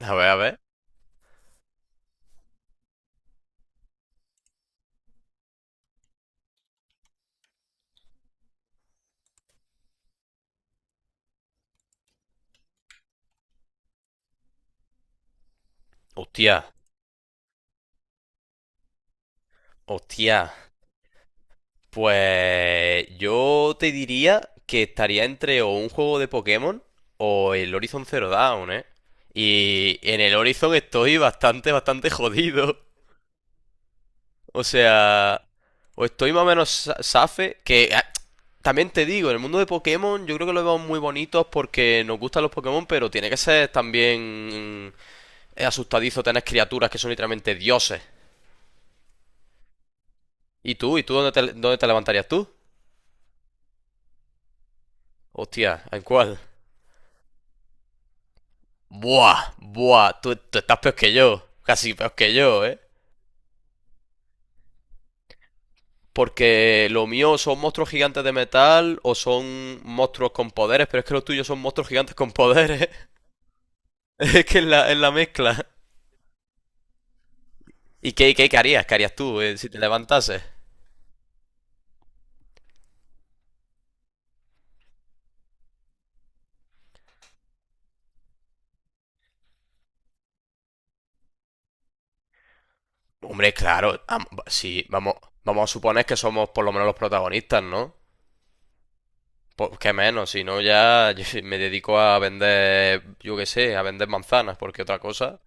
A ver, a ver. Hostia, hostia. Pues yo te diría que estaría entre o un juego de Pokémon o el Horizon Zero Dawn, ¿eh? Y en el Horizon estoy bastante, bastante jodido. O sea, o estoy más o menos safe, que también te digo, en el mundo de Pokémon yo creo que lo vemos muy bonitos porque nos gustan los Pokémon, pero tiene que ser también asustadizo tener criaturas que son literalmente dioses. ¿Y tú? ¿Y tú dónde te levantarías tú? Hostia, ¿en cuál? Buah, buah, tú estás peor que yo. Casi peor que yo, ¿eh? Porque lo mío son monstruos gigantes de metal o son monstruos con poderes, pero es que los tuyos son monstruos gigantes con poderes. Es que es la mezcla. ¿Y qué harías? ¿Qué harías tú si te levantases? Hombre, claro, sí, vamos a suponer que somos por lo menos los protagonistas, ¿no? Pues qué menos, si no ya me dedico a vender, yo qué sé, a vender manzanas, porque otra cosa.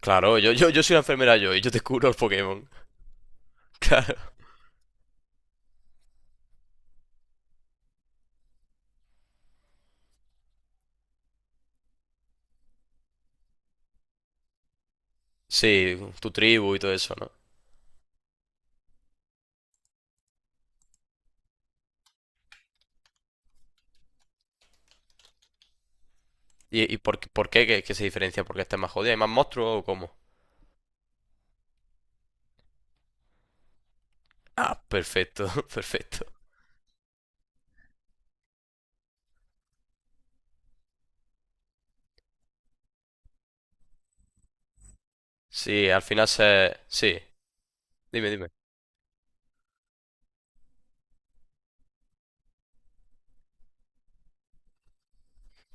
Claro, yo soy la enfermera yo y yo te curo los Pokémon. Claro. Sí, tu tribu y todo eso, ¿no? ¿Y por qué que se diferencia? ¿Porque está más jodida? ¿Hay más monstruos o cómo? Ah, perfecto, perfecto. Sí, al final se... Sí, dime, dime.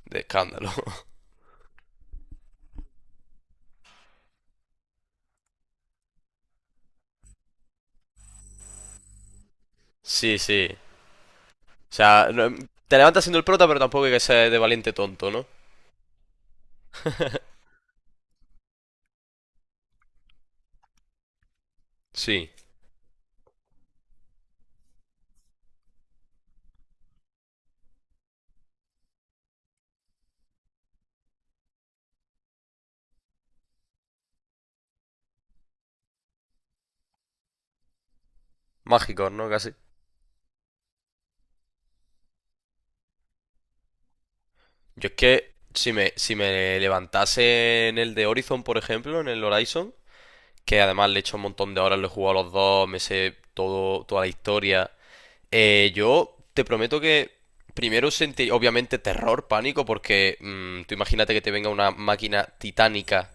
De escándalo. Sí, sí. O sea, te levantas siendo el prota, pero tampoco hay que ser de valiente tonto, ¿no? Sí, mágico, ¿no? Casi. Yo es que si me levantase en el de Horizon, por ejemplo, en el Horizon, que además le he hecho un montón de horas, lo he jugado a los dos, me sé todo, toda la historia. Yo te prometo que primero sentí, obviamente, terror, pánico, porque tú imagínate que te venga una máquina titánica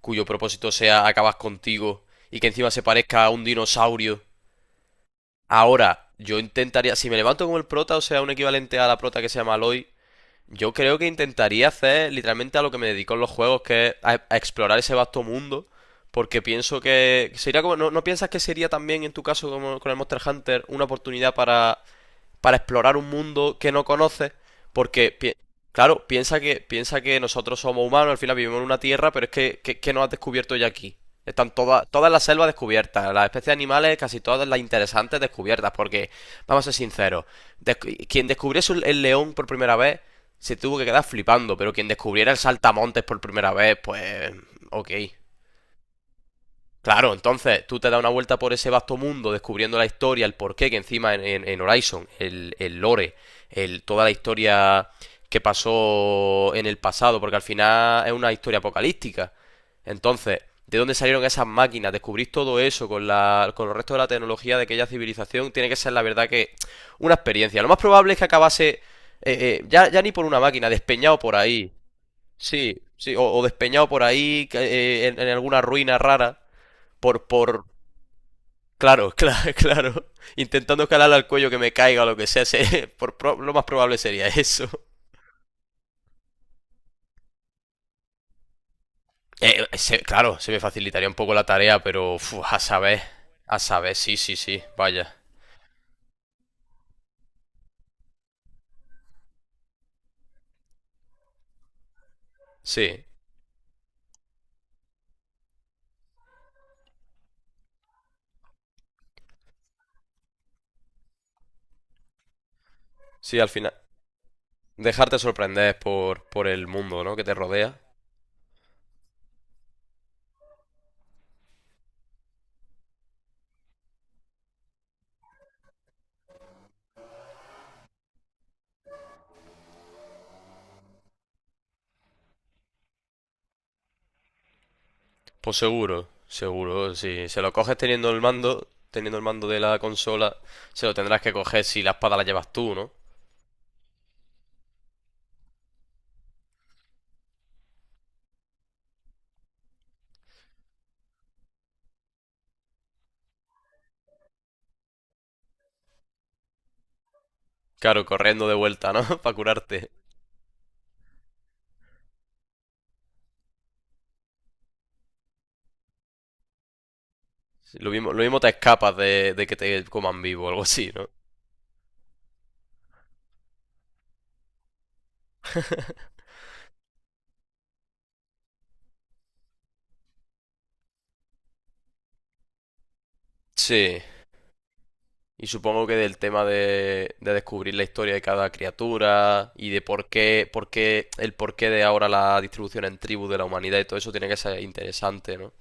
cuyo propósito sea acabar contigo y que encima se parezca a un dinosaurio. Ahora, yo intentaría, si me levanto como el prota, o sea, un equivalente a la prota que se llama Aloy, yo creo que intentaría hacer literalmente a lo que me dedico en los juegos, que es a explorar ese vasto mundo, porque pienso que sería como, ¿no piensas que sería también en tu caso como con el Monster Hunter una oportunidad para explorar un mundo que no conoces, porque, claro, piensa que nosotros somos humanos, al final vivimos en una tierra, pero es que no has descubierto ya aquí. Están todas las selvas descubiertas, las especies animales, casi todas las interesantes descubiertas, porque, vamos a ser sinceros, quien descubriese el león por primera vez se tuvo que quedar flipando, pero quien descubriera el saltamontes por primera vez, pues, ok. Claro, entonces tú te das una vuelta por ese vasto mundo descubriendo la historia, el porqué, que encima en Horizon, el lore, toda la historia que pasó en el pasado, porque al final es una historia apocalíptica. Entonces, ¿de dónde salieron esas máquinas? Descubrir todo eso con el resto de la tecnología de aquella civilización tiene que ser la verdad que una experiencia. Lo más probable es que acabase ya, ya ni por una máquina, despeñado por ahí. Sí, sí, o despeñado por ahí en alguna ruina rara por, por, claro, claro, claro, intentando calarle al cuello que me caiga o lo que sea, lo más probable sería eso. Claro, se me facilitaría un poco la tarea, pero a saber, sí, sí, sí, vaya. Sí, sí, al final. Dejarte sorprender por el mundo, ¿no? que te rodea. Pues seguro, seguro, si se lo coges teniendo el mando de la consola, se lo tendrás que coger si la espada la llevas tú, ¿no? Claro, corriendo de vuelta, ¿no? Para curarte. Sí. Lo mismo te escapas de que te coman vivo o algo así, ¿no? Sí. Y supongo que del tema de descubrir la historia de cada criatura y de el porqué de ahora la distribución en tribus de la humanidad y todo eso tiene que ser interesante, ¿no?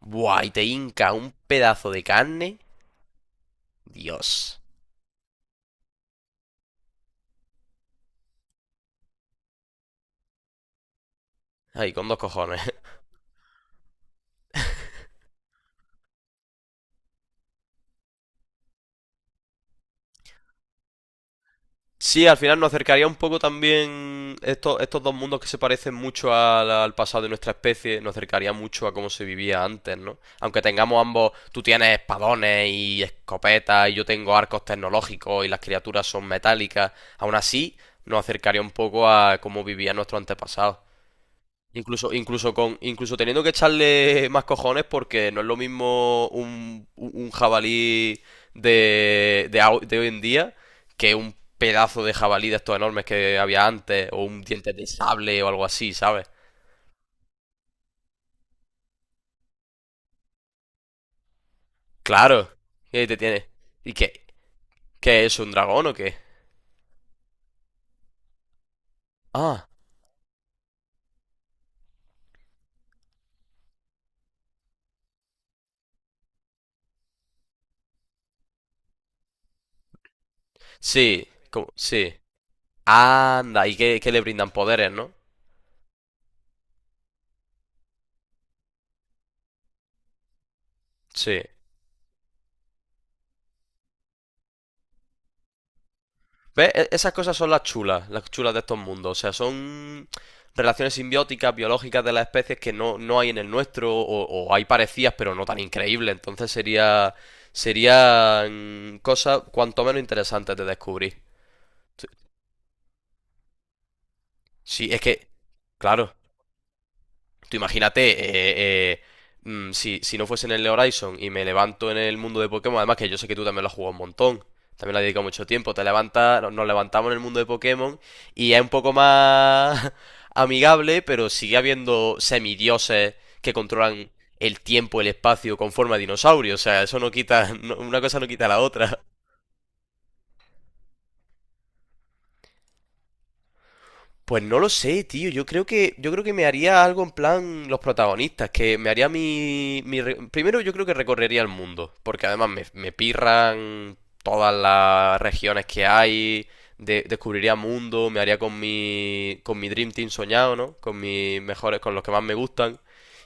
Buah, y te hinca un pedazo de carne. Dios. Ay, con dos cojones. Sí, al final nos acercaría un poco también estos dos mundos que se parecen mucho al pasado de nuestra especie, nos acercaría mucho a cómo se vivía antes, ¿no? Aunque tengamos ambos, tú tienes espadones y escopetas y yo tengo arcos tecnológicos y las criaturas son metálicas, aún así nos acercaría un poco a cómo vivían nuestros antepasados. Incluso teniendo que echarle más cojones, porque no es lo mismo un jabalí de hoy en día que un pedazo de jabalí de estos enormes que había antes, o un diente de sable o algo así, ¿sabes? Claro, y ahí te tiene. ¿Y qué? ¿Qué es un dragón o qué? Ah, sí, como, sí. Anda, y que le brindan poderes, ¿no? Sí. ¿Ves? Esas cosas son las chulas de estos mundos. O sea, son relaciones simbióticas, biológicas de las especies que no, no hay en el nuestro, o hay parecidas, pero no tan increíbles. Entonces serían cosas cuanto menos interesantes de descubrir. Sí, es que, claro. Tú imagínate, si no fuese en el Horizon y me levanto en el mundo de Pokémon, además que yo sé que tú también lo has jugado un montón, también lo has dedicado mucho tiempo, te levantas, nos levantamos en el mundo de Pokémon y es un poco más amigable, pero sigue habiendo semidioses que controlan el tiempo, el espacio con forma de dinosaurio, o sea, eso no quita, una cosa no quita la otra. Pues no lo sé, tío. Yo creo que me haría algo en plan los protagonistas, que me haría Primero yo creo que recorrería el mundo, porque además me pirran todas las regiones que hay, descubriría mundo, me haría con con mi Dream Team soñado, ¿no? Con mis mejores, con los que más me gustan.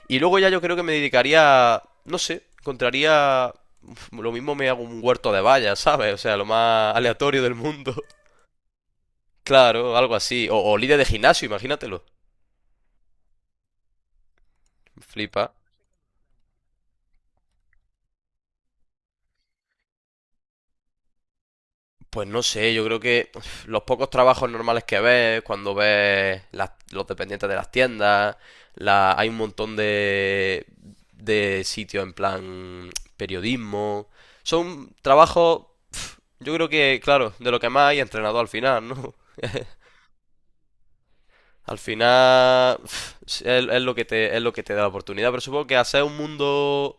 Y luego ya yo creo que me dedicaría, no sé, encontraría... Uf, lo mismo me hago un huerto de vallas, ¿sabes? O sea, lo más aleatorio del mundo. Claro, algo así. O líder de gimnasio, imagínatelo. Flipa. Pues no sé, yo creo que los pocos trabajos normales que ves, cuando ves los dependientes de las tiendas, hay un montón de sitios en plan periodismo. Son trabajos, yo creo que, claro, de lo que más hay entrenador al final, ¿no? Al final, es lo que te da la oportunidad, pero supongo que hacer un mundo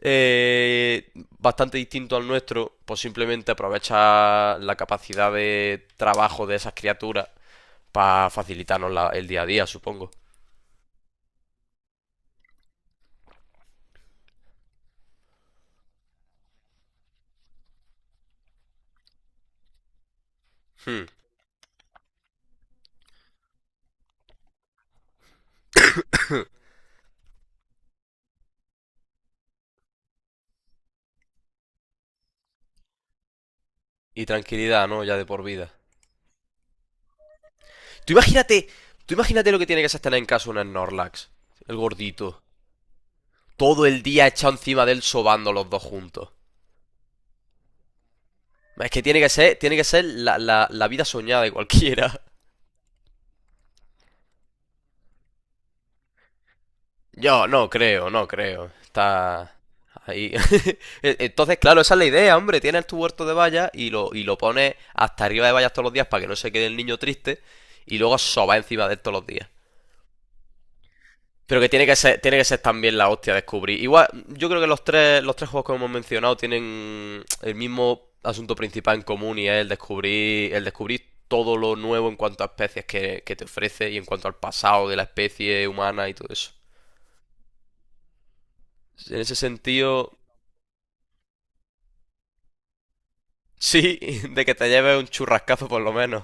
eh, bastante distinto al nuestro, pues simplemente aprovecha la capacidad de trabajo de esas criaturas para facilitarnos el día a día, supongo. Hmm. Y tranquilidad, ¿no? Ya de por vida. Tú imagínate, tú imagínate lo que tiene que ser tener en casa un Snorlax, el gordito, todo el día echado encima de él sobando los dos juntos. Es que tiene que ser la vida soñada de cualquiera. Yo no creo, no creo. Está ahí. Entonces, claro, esa es la idea, hombre. Tienes tu huerto de vallas y lo pones hasta arriba de vallas todos los días para que no se quede el niño triste y luego soba encima de él todos los días. Pero que tiene que ser también la hostia descubrir. Igual, yo creo que los tres juegos que hemos mencionado tienen el mismo asunto principal en común y es el descubrir todo lo nuevo en cuanto a especies que te ofrece y en cuanto al pasado de la especie humana y todo eso. En ese sentido, sí, de que te lleves un churrascazo por lo menos.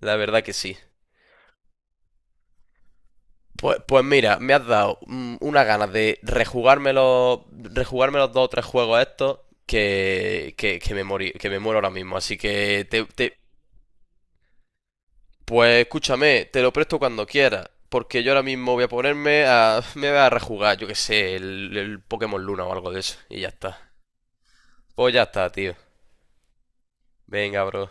La verdad que sí. Pues mira, me has dado una ganas de rejugarme los dos o tres juegos estos que me muero ahora mismo. Así que pues escúchame, te lo presto cuando quieras. Porque yo ahora mismo voy a ponerme me voy a rejugar, yo que sé, el Pokémon Luna o algo de eso. Y ya está. Pues ya está, tío. Venga, bro.